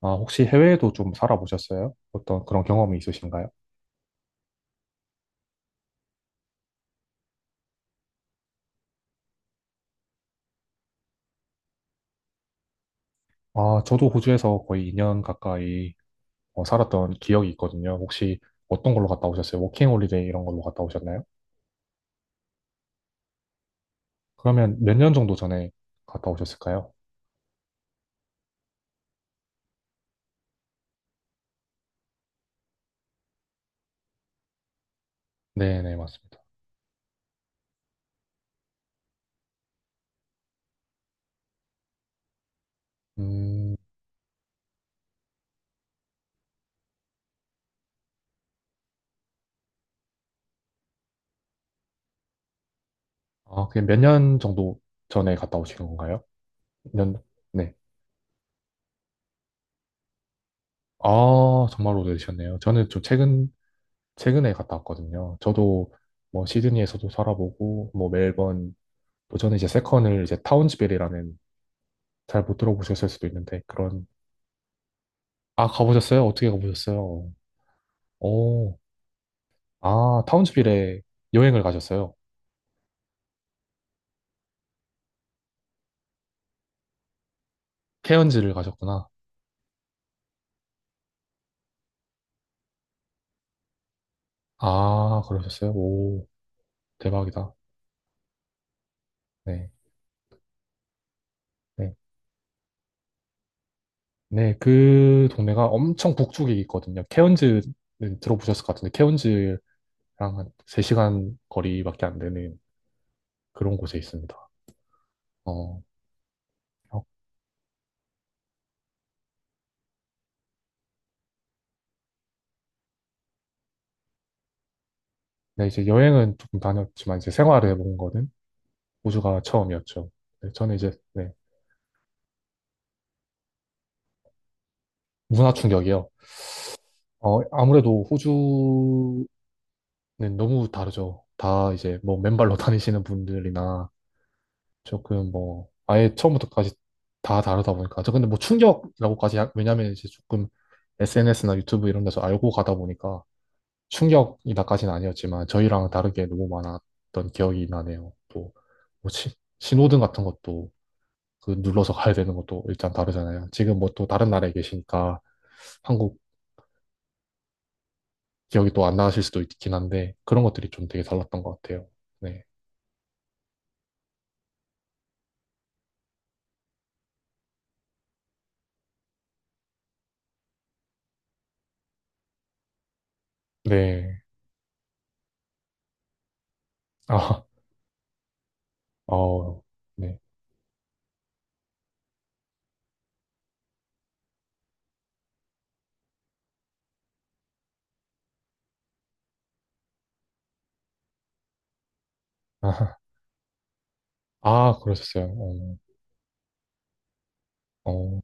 아, 혹시 해외에도 좀 살아보셨어요? 어떤 그런 경험이 있으신가요? 아, 저도 호주에서 거의 2년 가까이 살았던 기억이 있거든요. 혹시 어떤 걸로 갔다 오셨어요? 워킹 홀리데이 이런 걸로 갔다 오셨나요? 그러면 몇 년 정도 전에 갔다 오셨을까요? 네네, 맞습니다. 음. 아, 그게 몇 년 정도 전에 갔다 오신 건가요? 년, 네. 아, 정말 오래되셨네요. 저는 좀 최근, 최근에 갔다 왔거든요. 저도 뭐 시드니에서도 살아보고, 뭐 멜번, 그 전에 이제 세컨을 이제 타운즈빌이라는, 잘 못 들어보셨을 수도 있는데 그런. 아, 가보셨어요? 어떻게 가보셨어요? 오, 아 타운즈빌에 여행을 가셨어요? 케언즈를 가셨구나. 아 그러셨어요? 오, 대박이다. 네, 네, 네. 그 동네가 엄청 북쪽에 있거든요. 케언즈는 들어보셨을 것 같은데 케언즈랑 한 3시간 거리밖에 안 되는 그런 곳에 있습니다. 어, 어, 네, 이제 여행은 조금 다녔지만 이제 생활을 해본 거는 호주가 처음이었죠. 네, 저는 이제, 네. 문화 충격이요. 아무래도 호주는 너무 다르죠. 다 이제 뭐 맨발로 다니시는 분들이나 조금 뭐 아예 처음부터까지 다 다르다 보니까 저 근데 뭐 왜냐면 이제 조금 SNS나 유튜브 이런 데서 알고 가다 보니까 충격이다까지는 아니었지만 저희랑 다르게 너무 많았던 기억이 나네요. 또 뭐 신호등 같은 것도 그 눌러서 가야 되는 것도 일단 다르잖아요. 지금 뭐 또 다른 나라에 계시니까 한국 기억이 또 안 나실 수도 있긴 한데 그런 것들이 좀 되게 달랐던 것 같아요. 네. 네. 아, 어, 네. 아, 아, 그러셨어요. 어, 어,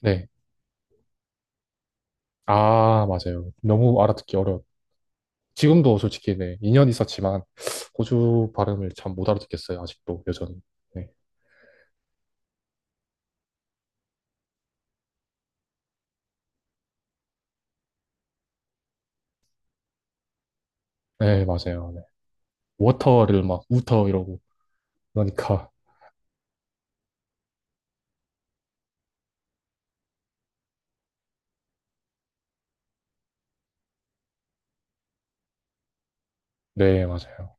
네. 아, 맞아요. 너무 알아듣기 어려워. 지금도 솔직히, 네. 2년 있었지만 호주 발음을 참 못 알아듣겠어요. 아직도 여전히. 네. 네, 맞아요. 네. 워터를 막 우터 이러고 그러니까 네, 맞아요.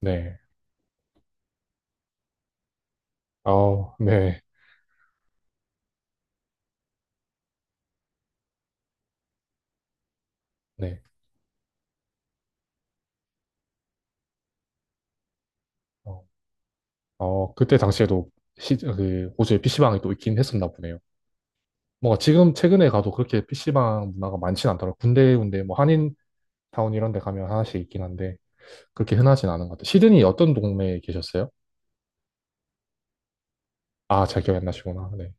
네. 아우, 네. 네. 어. 그때 당시에도 그 호주에 PC방이 또 있긴 했었나 보네요. 뭔가 지금 최근에 가도 그렇게 PC방 문화가 많진 않더라고요. 군데군데 뭐 한인타운 이런 데 가면 하나씩 있긴 한데 그렇게 흔하진 않은 것 같아요. 시드니 어떤 동네에 계셨어요? 아, 잘 기억이 안 나시구나. 네.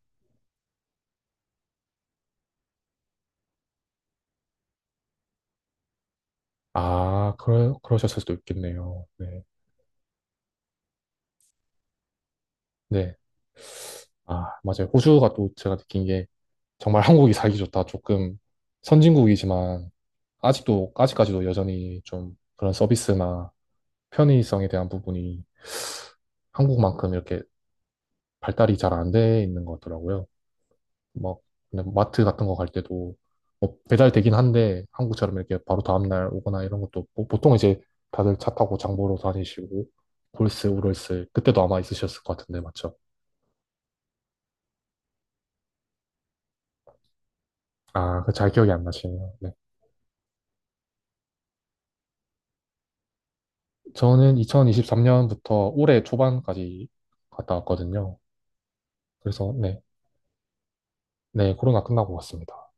아, 그러셨을 수도 있겠네요. 네. 네. 아, 맞아요. 호주가 또 제가 느낀 게 정말 한국이 살기 좋다. 조금 선진국이지만 아직도, 아직까지도 여전히 좀 그런 서비스나 편의성에 대한 부분이 한국만큼 이렇게 발달이 잘 안 돼 있는 것 같더라고요. 막 그냥 마트 같은 거 갈 때도 뭐 배달되긴 한데 한국처럼 이렇게 바로 다음날 오거나 이런 것도 없고 보통 이제 다들 차 타고 장 보러 다니시고 골스, 우럴스 그때도 아마 있으셨을 것 같은데 맞죠? 아, 그 잘 기억이 안 나시네요. 네. 저는 2023년부터 올해 초반까지 갔다 왔거든요. 그래서 네, 네, 코로나 끝나고 왔습니다.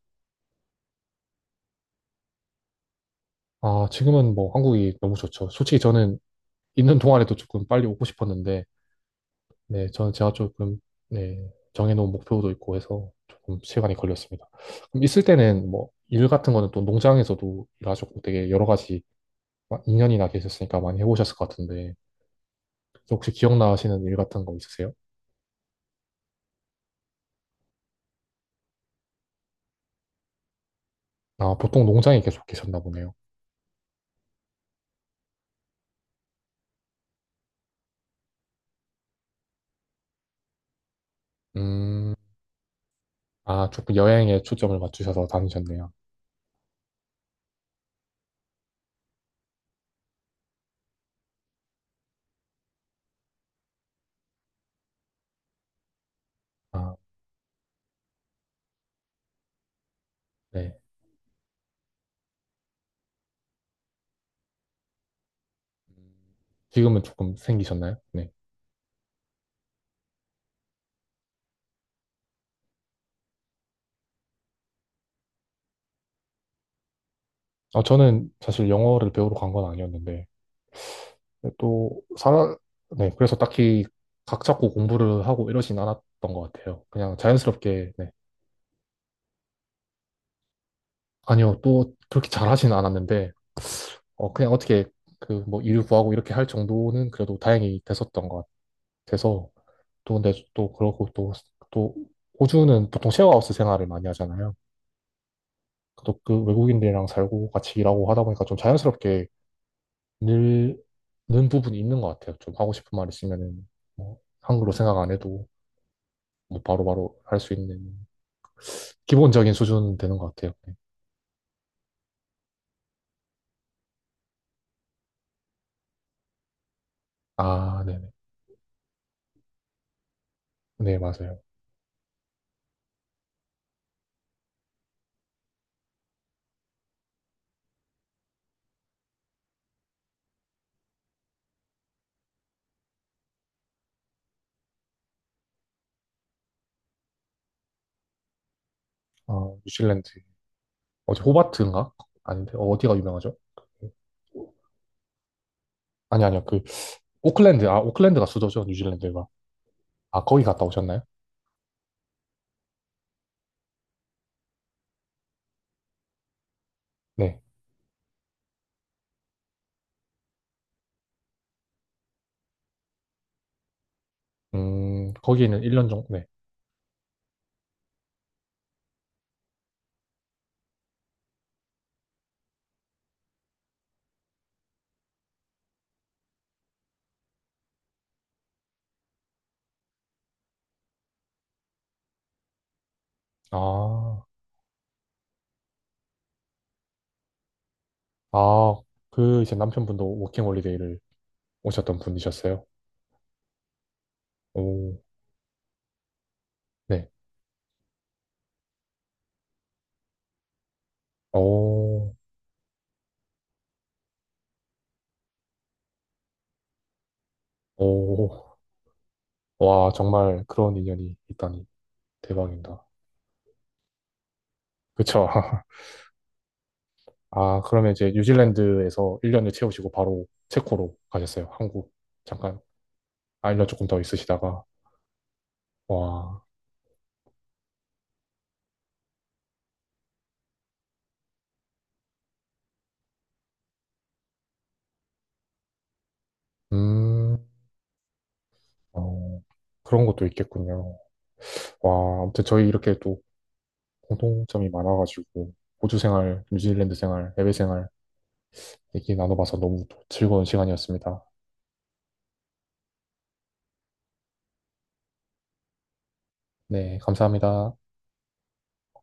아, 지금은 뭐 한국이 너무 좋죠. 솔직히 저는 있는 동안에도 조금 빨리 오고 싶었는데, 네, 저는 제가 조금, 네, 정해놓은 목표도 있고 해서 조금 시간이 걸렸습니다. 그럼 있을 때는 뭐, 일 같은 거는 또 농장에서도 일하셨고 되게 여러 가지, 2년이나 계셨으니까 많이 해보셨을 것 같은데, 혹시 기억나시는 일 같은 거 있으세요? 아, 보통 농장에 계속 계셨나 보네요. 음, 아, 조금 여행에 초점을 맞추셔서 다니셨네요. 아, 네. 지금은 조금 생기셨나요? 네. 아, 저는 사실 영어를 배우러 간 건 아니었는데, 네, 또, 사, 네, 그래서 딱히 각 잡고 공부를 하고 이러진 않았던 것 같아요. 그냥 자연스럽게, 네. 아니요, 또 그렇게 잘하진 않았는데, 그냥 어떻게 그 뭐 일을 구하고 이렇게 할 정도는 그래도 다행히 됐었던 것 같아서, 또 근데 또 그러고 또, 또, 호주는 보통 셰어하우스 생활을 많이 하잖아요. 또 그 외국인들이랑 살고 같이 일하고 하다 보니까 좀 자연스럽게 늘는 부분이 있는 것 같아요. 좀 하고 싶은 말 있으면은, 뭐, 한글로 생각 안 해도 뭐 바로바로 할 수 있는 기본적인 수준 되는 것 같아요. 네. 아, 네네. 네, 맞아요. 어, 뉴질랜드. 어제 호바트인가? 아닌데, 어, 디가 유명하죠? 그- 아니, 아니요. 그, 오클랜드. 아, 오클랜드가 수도죠, 뉴질랜드가. 아, 거기 갔다 오셨나요? 네. 거기는 1년 정도, 네. 아, 아, 그, 이제 남편분도 워킹홀리데이를 오셨던 분이셨어요. 오, 네. 오, 오. 와, 정말 그런 인연이 있다니. 대박입니다. 그쵸? 아, 그러면 이제 뉴질랜드에서 1년을 채우시고 바로 체코로 가셨어요. 한국. 잠깐, 아, 1년 조금 더 있으시다가. 와, 음, 어, 그런 것도 있겠군요. 와, 아무튼 저희 이렇게 또 공통점이 많아가지고, 호주 생활, 뉴질랜드 생활, 해외 생활 얘기 나눠봐서 너무 또 즐거운 시간이었습니다. 네, 감사합니다.